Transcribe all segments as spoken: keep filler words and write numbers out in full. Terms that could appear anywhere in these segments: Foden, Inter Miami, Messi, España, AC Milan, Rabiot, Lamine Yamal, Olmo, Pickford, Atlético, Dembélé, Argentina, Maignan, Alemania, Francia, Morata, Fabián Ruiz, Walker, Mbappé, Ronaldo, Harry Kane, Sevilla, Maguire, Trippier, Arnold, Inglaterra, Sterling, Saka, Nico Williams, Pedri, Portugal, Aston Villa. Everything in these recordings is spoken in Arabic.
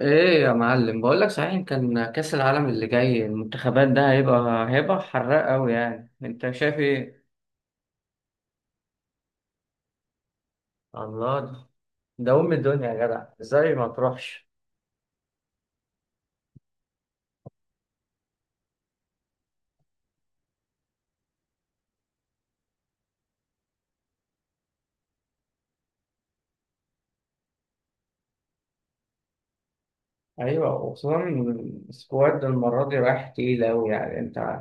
ايه يا معلم، بقول لك صحيح، كان كأس العالم اللي جاي، المنتخبات ده هيبقى هيبقى حراق قوي، يعني انت شايف ايه؟ الله، ده ده أم الدنيا يا جدع، إزاي ما تروحش؟ ايوه، وخصوصا إن السكواد المره دي رايح تقيل قوي. يعني انت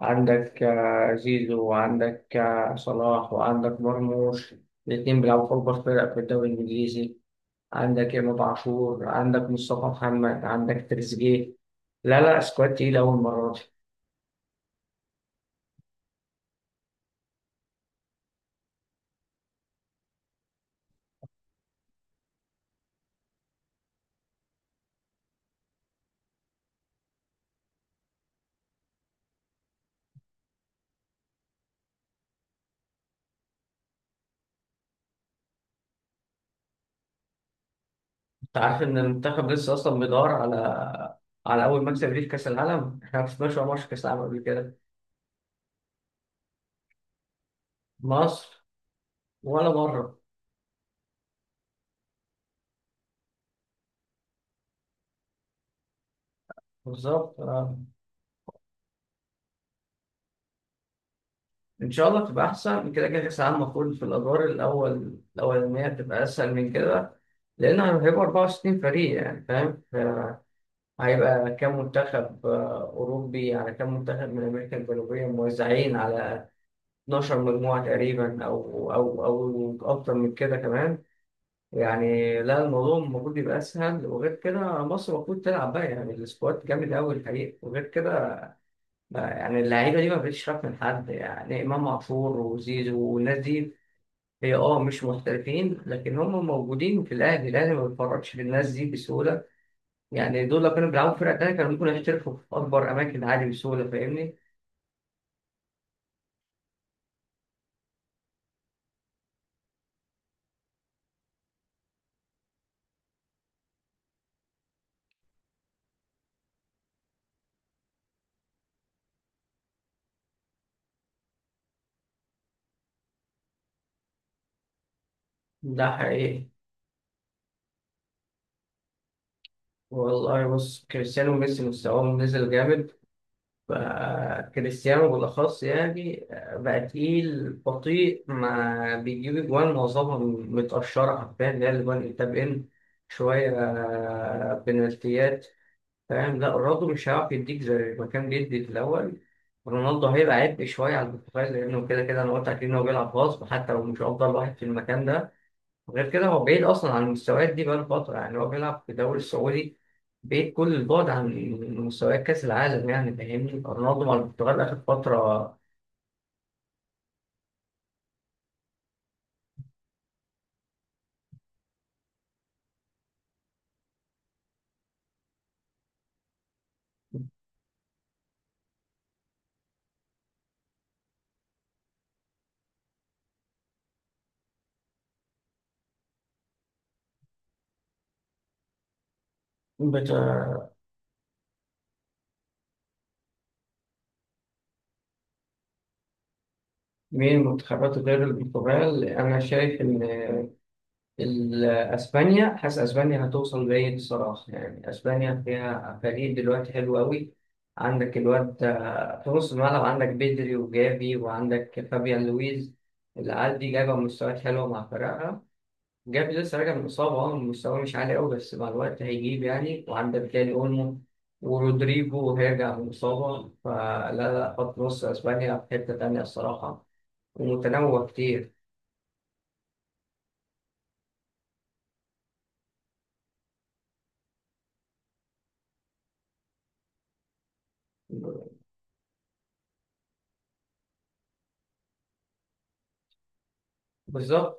عندك آه، زيزو، وعندك آه، صلاح، وعندك مرموش. الاتنين بيلعبوا في اكبر فرق في الدوري الانجليزي. عندك امام عاشور، عندك مصطفى محمد، عندك تريزيجيه. لا لا، سكواد تقيل قوي المره دي. انت عارف ان المنتخب لسه اصلا بيدور على على اول مكسب ليه في كاس العالم؟ احنا ما كسبناش ولا ماتش في كاس العالم قبل كده. مصر، ولا مره. بالظبط آه. ان شاء الله تبقى احسن. كده كده كاس العالم المفروض في الادوار الاول الاولانيه تبقى اسهل من كده، لان هيبقى أربعة وستين فريق، يعني فاهم؟ هيبقى كام منتخب آه، أوروبي، على كام منتخب من أمريكا الجنوبية، موزعين على اثنا عشر مجموعة تقريبا، أو أو أو أكتر من كده كمان. يعني لا، الموضوع المفروض يبقى اسهل. وغير كده، مصر المفروض تلعب بقى، يعني السكواد جامد قوي الحقيقه. وغير كده ما- يعني اللعيبه دي ما بقتش خايف من حد، يعني امام عاشور وزيزو والناس دي، هي اه مش محترفين، لكن هم موجودين في الاهلي. الاهلي ما بيتفرجش في الناس دي بسهوله. يعني دول لو كانوا بيلعبوا في فرقه تانيه، كانوا ممكن يحترفوا في اكبر اماكن عادي بسهوله، فاهمني؟ ده حقيقي. والله بص، كريستيانو وميسي مستواهم نزل جامد. فكريستيانو بالأخص يعني آه، بقى تقيل بطيء، ما بيجيب أجوان، معظمها متقشرة حرفيا، اللي هي الأجوان اللي تابقين شوية آه، بنالتيات، فاهم؟ لا، رونالدو مش هيعرف يديك زي ما كان بيدي في الأول. رونالدو هيبقى عبء شوية على البرتغال، لأنه كده كده، أنا قلت أكيد إن هو بيلعب غصب حتى لو مش أفضل واحد في المكان ده. غير كده، هو بعيد أصلا عن المستويات دي بقاله فترة، يعني هو بيلعب في الدوري السعودي، بعيد كل البعد عن مستويات كأس العالم، يعني فاهمني؟ رونالدو مع البرتغال آخر فترة. بت- من المنتخبات غير البرتغال، أنا شايف إن ال- أسبانيا، حاسس أسبانيا هتوصل بعيد الصراحة. يعني أسبانيا فيها فريق دلوقتي حلو قوي. عندك الواد آه، في نص الملعب، عندك بدري وجافي، وعندك فابيان لويز. العيال دي جايبة مستويات حلوة مع فرقها. جاب لسه راجع من إصابة، اه مستواه مش عالي أوي، بس مع الوقت هيجيب يعني. وعندك تاني أولمو ورودريجو هيرجع من إصابة. فلا لا، خط نص أسبانيا في حتة تانية الصراحة، ومتنوع كتير. بالظبط.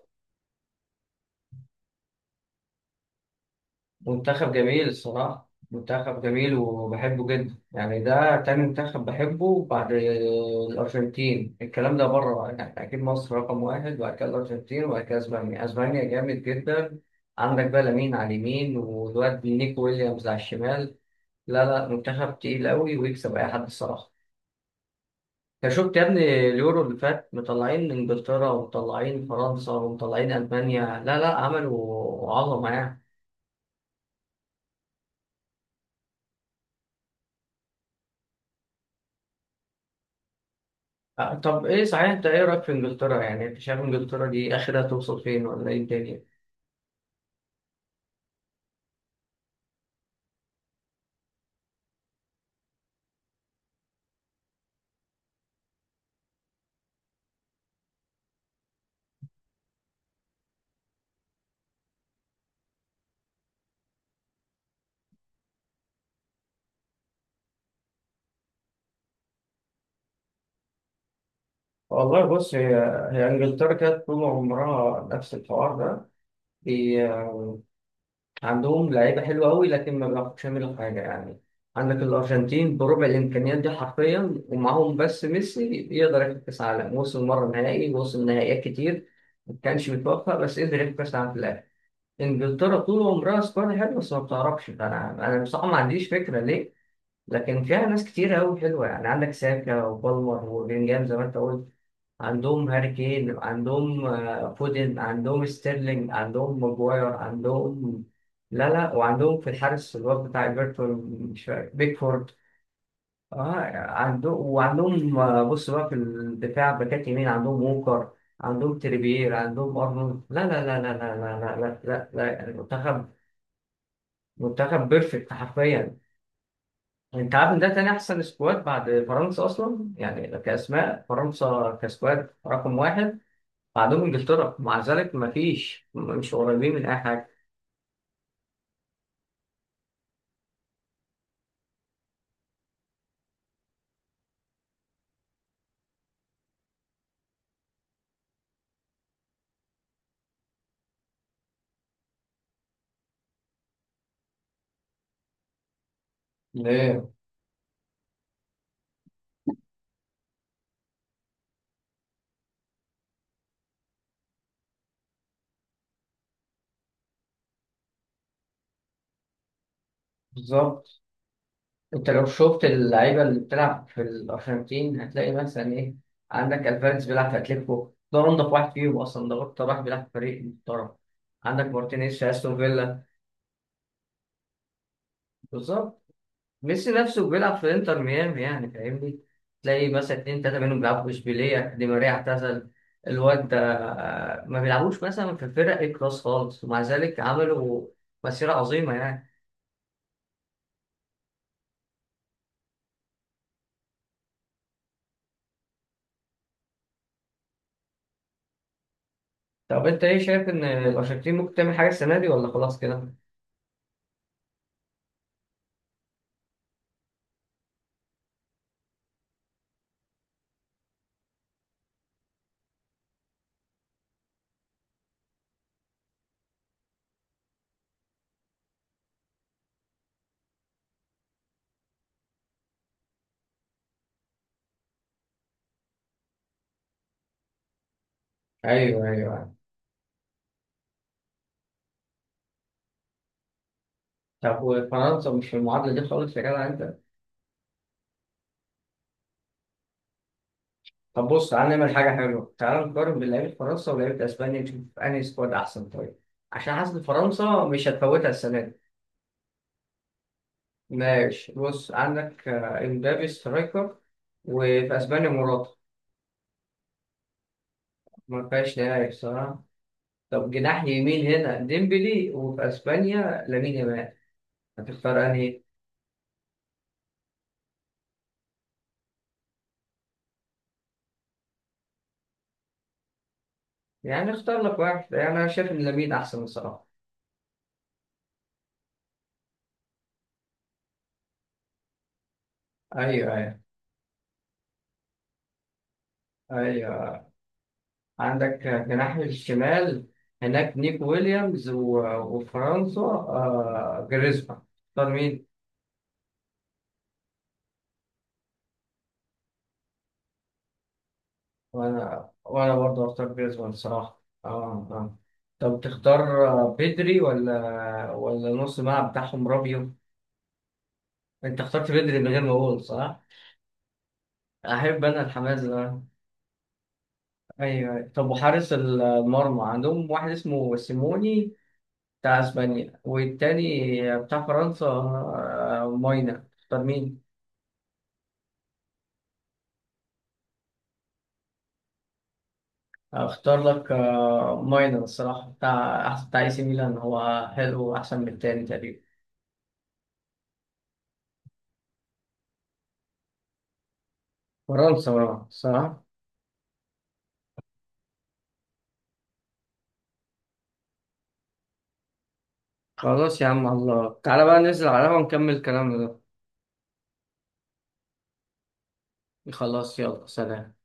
منتخب جميل الصراحة، منتخب جميل وبحبه جدا. يعني ده تاني منتخب بحبه بعد الأرجنتين. الكلام ده بره، يعني أكيد مصر رقم واحد، وبعد كده الأرجنتين، وبعد كده أسبانيا. أسبانيا جامد جدا. عندك بقى لامين على اليمين، والواد نيكو ويليامز على الشمال. لا لا، منتخب تقيل قوي ويكسب أي حد الصراحة. أنت شفت يا ابني اليورو اللي فات، مطلعين إنجلترا، ومطلعين فرنسا، ومطلعين ألمانيا؟ لا لا، عملوا عظمة يعني. آه، طب ايه صحيح، انت ايه رايك في انجلترا؟ يعني انت شايف انجلترا دي اخرها توصل فين، ولا ايه الدنيا؟ والله بص، هي هي انجلترا كانت طول عمرها نفس الحوار ده. بي... عندهم لعيبه حلوه قوي، لكن ما بيعرفوش يعملوا حاجه يعني. عندك الارجنتين بربع الامكانيات دي حرفيا، ومعاهم بس ميسي، يقدر ياخد كاس عالم. وصل مره نهائي، وصل نهائيات كتير، ما كانش متوفق، بس قدر ياخد كاس عالم في الاخر. انجلترا طول عمرها سكواد حلو، بس ما بتعرفش. فانا، انا بصراحه ما عنديش فكره ليه، لكن فيها ناس كتير أوي حلوة. يعني عندك ساكا وبالمر وبلينجهام زي ما أنت قلت. عندهم هاري كين، عندهم آه، فودن، عندهم ستيرلينج، عندهم ماجواير، عندهم، لا لا، وعندهم في الحارس الواد بتاع ايفرتون، مش فاكر، بيكفورد. اه. عندهم وعندهم آه، بص بقى، في الدفاع باكات يمين، عندهم ووكر، عندهم تريبيير، عندهم ارنولد. لا لا لا لا لا لا لا لا لا, لا. يعني منتخب، منتخب بيرفكت حرفيا. انت عارف ان ده تاني احسن سكواد بعد فرنسا اصلا، يعني كاسماء، فرنسا كسكواد رقم واحد، بعدهم انجلترا. مع ذلك مفيش، مش قريبين من اي حاجه. ليه؟ بالظبط. انت لو شفت اللعيبه اللي بتلعب في الارجنتين هتلاقي مثلا ايه؟ عندك الفاريز بيلعب في اتلتيكو، ده انضف واحد فيهم اصلا، ده اكتر واحد بيلعب في فريق محترم. عندك مارتينيز في استون فيلا. بالظبط. ميسي نفسه بيلعب في انتر ميامي، يعني فاهمني؟ تلاقي مثلا اتنين تلاتة منهم بيلعبوا في اشبيلية. دي ماريا اعتزل. الواد ده آه، ما بيلعبوش مثلا في فرق الكلاس خالص، ومع ذلك عملوا مسيرة عظيمة يعني. طب انت ايه، شايف ان الارجنتين ممكن تعمل حاجة السنة دي، ولا خلاص كده؟ ايوه ايوه. طب وفرنسا مش في المعادله دي خالص يا جدع انت؟ طب بص، تعالى نعمل حاجه حلوه، تعالى نقارن بين لعيبه فرنسا ولعيبه اسبانيا، نشوف انهي سكواد احسن طيب. عشان حاسس ان فرنسا مش هتفوتها السنة دي. ماشي، بص عندك آه، امبابي سترايكر، وفي اسبانيا موراتا. ما فيهاش نهائي بصراحه. طب جناح يمين، هنا ديمبلي، وفي اسبانيا لامين يامال، هتختار انهي؟ يعني اختار لك واحد. يعني انا شايف ان لامين احسن بصراحه. ايوه ايوه. ايوه، عندك آه، جناح الشمال، هناك نيك ويليامز، و- وفرنسا آه، جريزمان، اختار مين؟ وانا، وانا برضه هختار جريزمان الصراحه. اه. اه. طب تختار آه، بدري، ولا ولا نص الملعب بتاعهم رابيو؟ انت اخترت بدري من غير ما اقول؟ صح. احب انا الحماس ده. ايوه أيوة. طب، وحارس المرمى، عندهم واحد اسمه سيموني بتاع اسبانيا، والتاني بتاع فرنسا آه، ماينا، اختار مين؟ اختار لك آه، ماينا الصراحه، بتاع احسن، بتاع اي سي ميلان، هو حلو احسن من التاني تقريبا. فرنسا آه، صح. خلاص يا عم، الله، تعالى بقى ننزل على القهوة ونكمل كلامنا ده. خلاص، يلا سلام.